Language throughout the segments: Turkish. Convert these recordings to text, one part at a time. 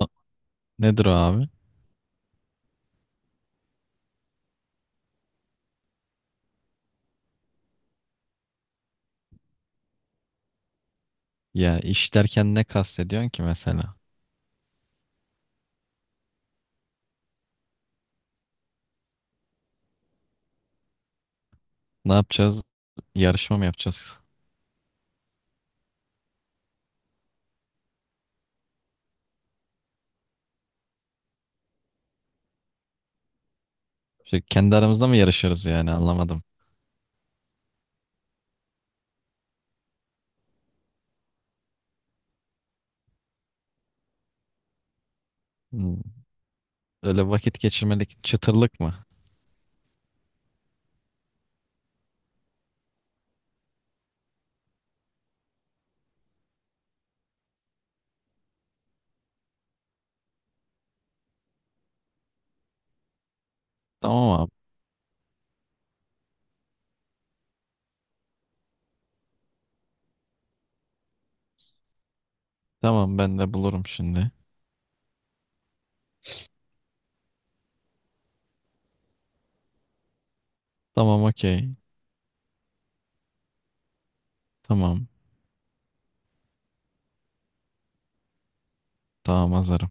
A- Nedir o abi? Ya iş derken ne kastediyorsun ki mesela? Ne yapacağız? Yarışma mı yapacağız? Kendi aramızda mı yarışırız yani anlamadım. Hmm. Öyle vakit geçirmelik çıtırlık mı? Tamam abi. Tamam ben de bulurum şimdi. Tamam okey. Tamam. Tamam hazırım.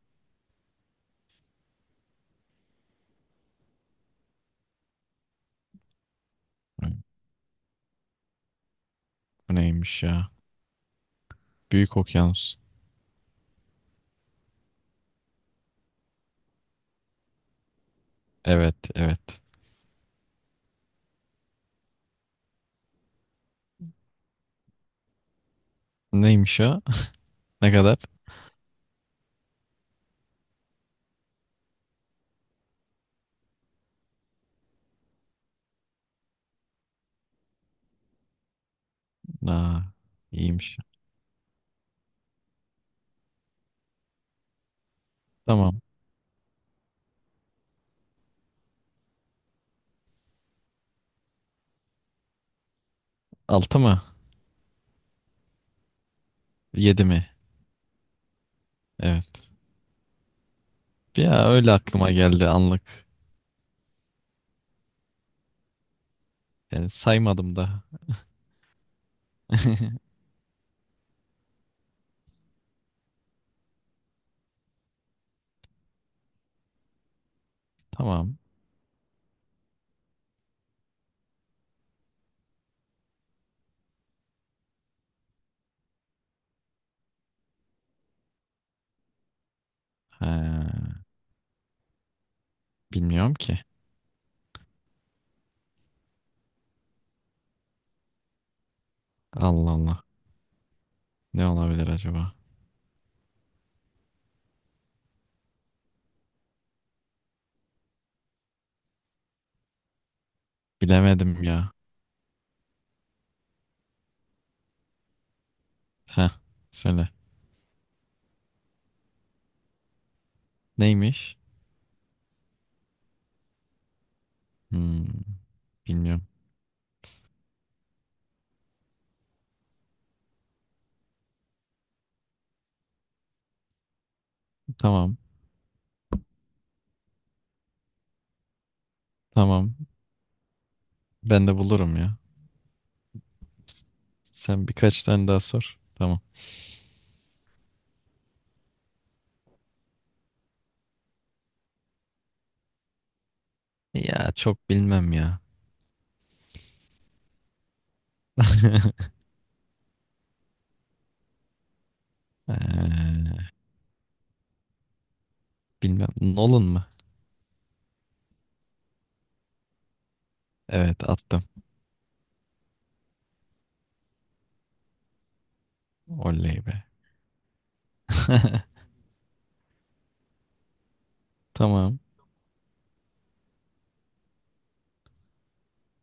Hı, bu neymiş ya? Büyük okyanus. Evet evet. Neymiş o? Ne kadar? Aa, iyiymiş. Tamam. Altı mı? Yedi mi? Evet. Ya öyle aklıma geldi anlık. Yani saymadım da. Tamam. Ha, bilmiyorum ki. Allah Allah. Ne olabilir acaba? Bilemedim ya. Heh, söyle. Neymiş? Hmm, bilmiyorum. Tamam. Tamam. Ben de bulurum ya. Sen birkaç tane daha sor. Tamam. Ya çok bilmem ya. Ee, bilmem. Nolan mı? Evet attım. Oley be. Tamam.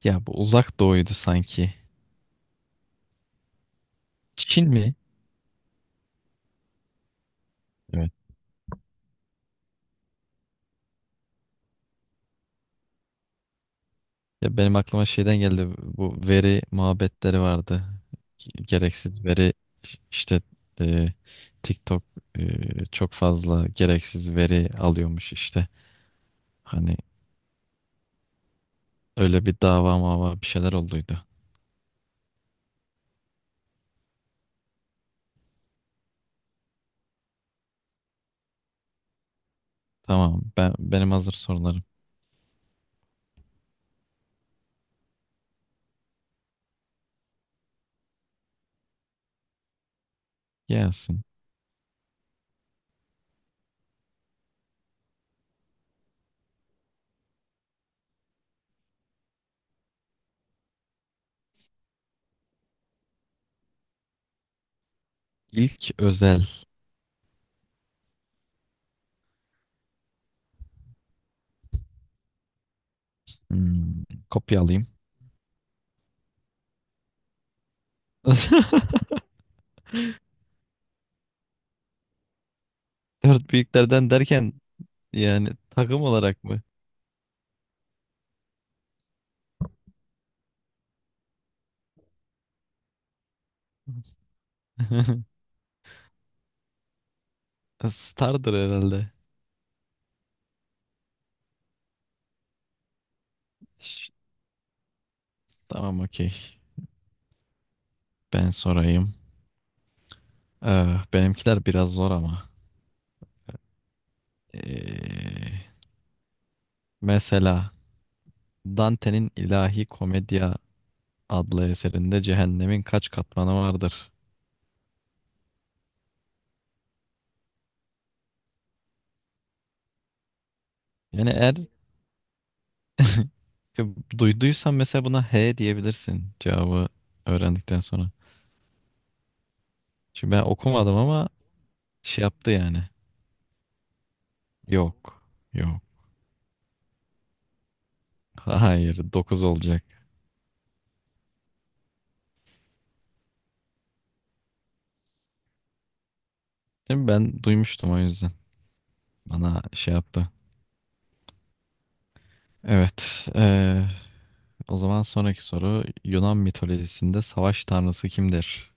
Ya bu Uzak Doğu'ydu sanki. Çin mi? Evet. Ya benim aklıma şeyden geldi, bu veri muhabbetleri vardı. Gereksiz veri, işte, e, TikTok, çok fazla gereksiz veri alıyormuş işte. Hani öyle bir dava mava bir şeyler olduydu. Tamam, ben benim hazır sorularım. Gelsin. İlk özel. Hmm, kopya alayım. Dört büyüklerden derken yani takım olarak mı? Stardır herhalde. Ş- Tamam okey. Ben sorayım. Benimkiler biraz zor ama. Eh, mesela Dante'nin İlahi Komedya adlı eserinde cehennemin kaç katmanı vardır? Yani eğer duyduysan mesela, buna H diyebilirsin cevabı öğrendikten sonra. Çünkü ben okumadım ama şey yaptı yani. Yok. Yok. Hayır, 9 olacak. Şimdi ben duymuştum, o yüzden. Bana şey yaptı. Evet. O zaman sonraki soru. Yunan mitolojisinde savaş tanrısı kimdir?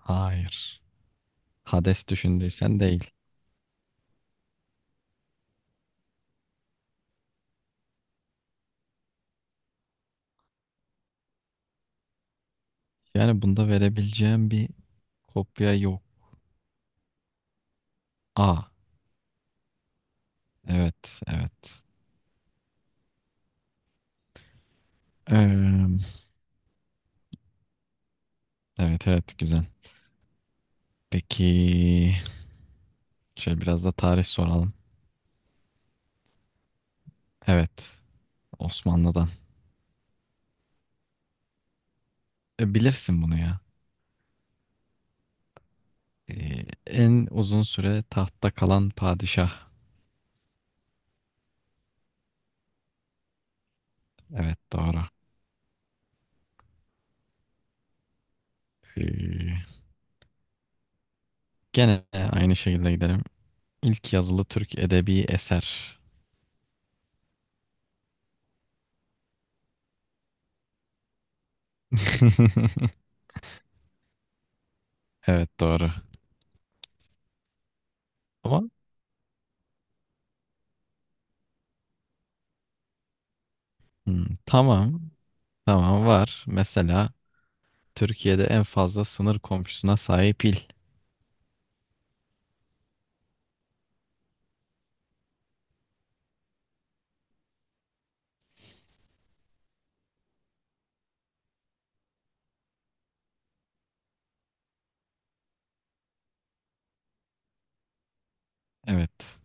Hayır. Hades düşündüysen, değil. Yani bunda verebileceğim bir kopya yok. A. Evet, evet. Eee, evet, evet, güzel. Peki, şöyle biraz da tarih soralım. Evet, Osmanlı'dan. E, bilirsin bunu ya. E, en uzun süre tahtta kalan padişah. Evet, doğru. E, gene aynı şekilde gidelim. İlk yazılı Türk edebi eser. Evet, doğru. Ama hmm, tamam. Tamam var. Mesela Türkiye'de en fazla sınır komşusuna sahip il. Evet.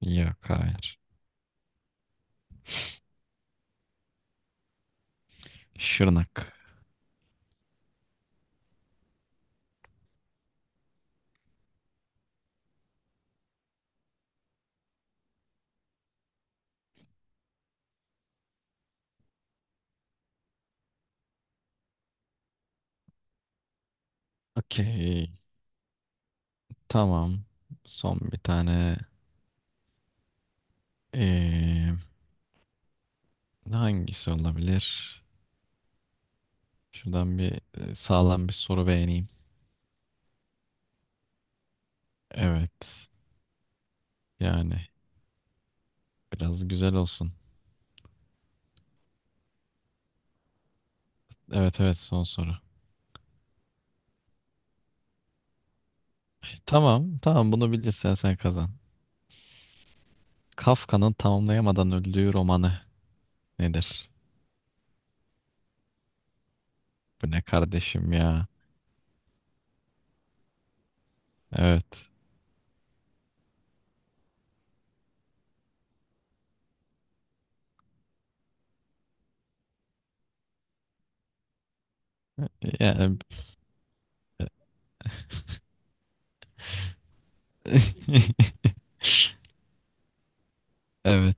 Yok, hayır. Şırnak. Okey. Tamam. Son bir tane. Ee, hangisi olabilir? Şuradan bir sağlam bir soru beğeneyim. Evet. Yani biraz güzel olsun. Evet evet, son soru. Tamam tamam, bunu bilirsen sen kazan. Kafka'nın tamamlayamadan öldüğü romanı nedir? Bu ne kardeşim ya? Evet. Yani evet.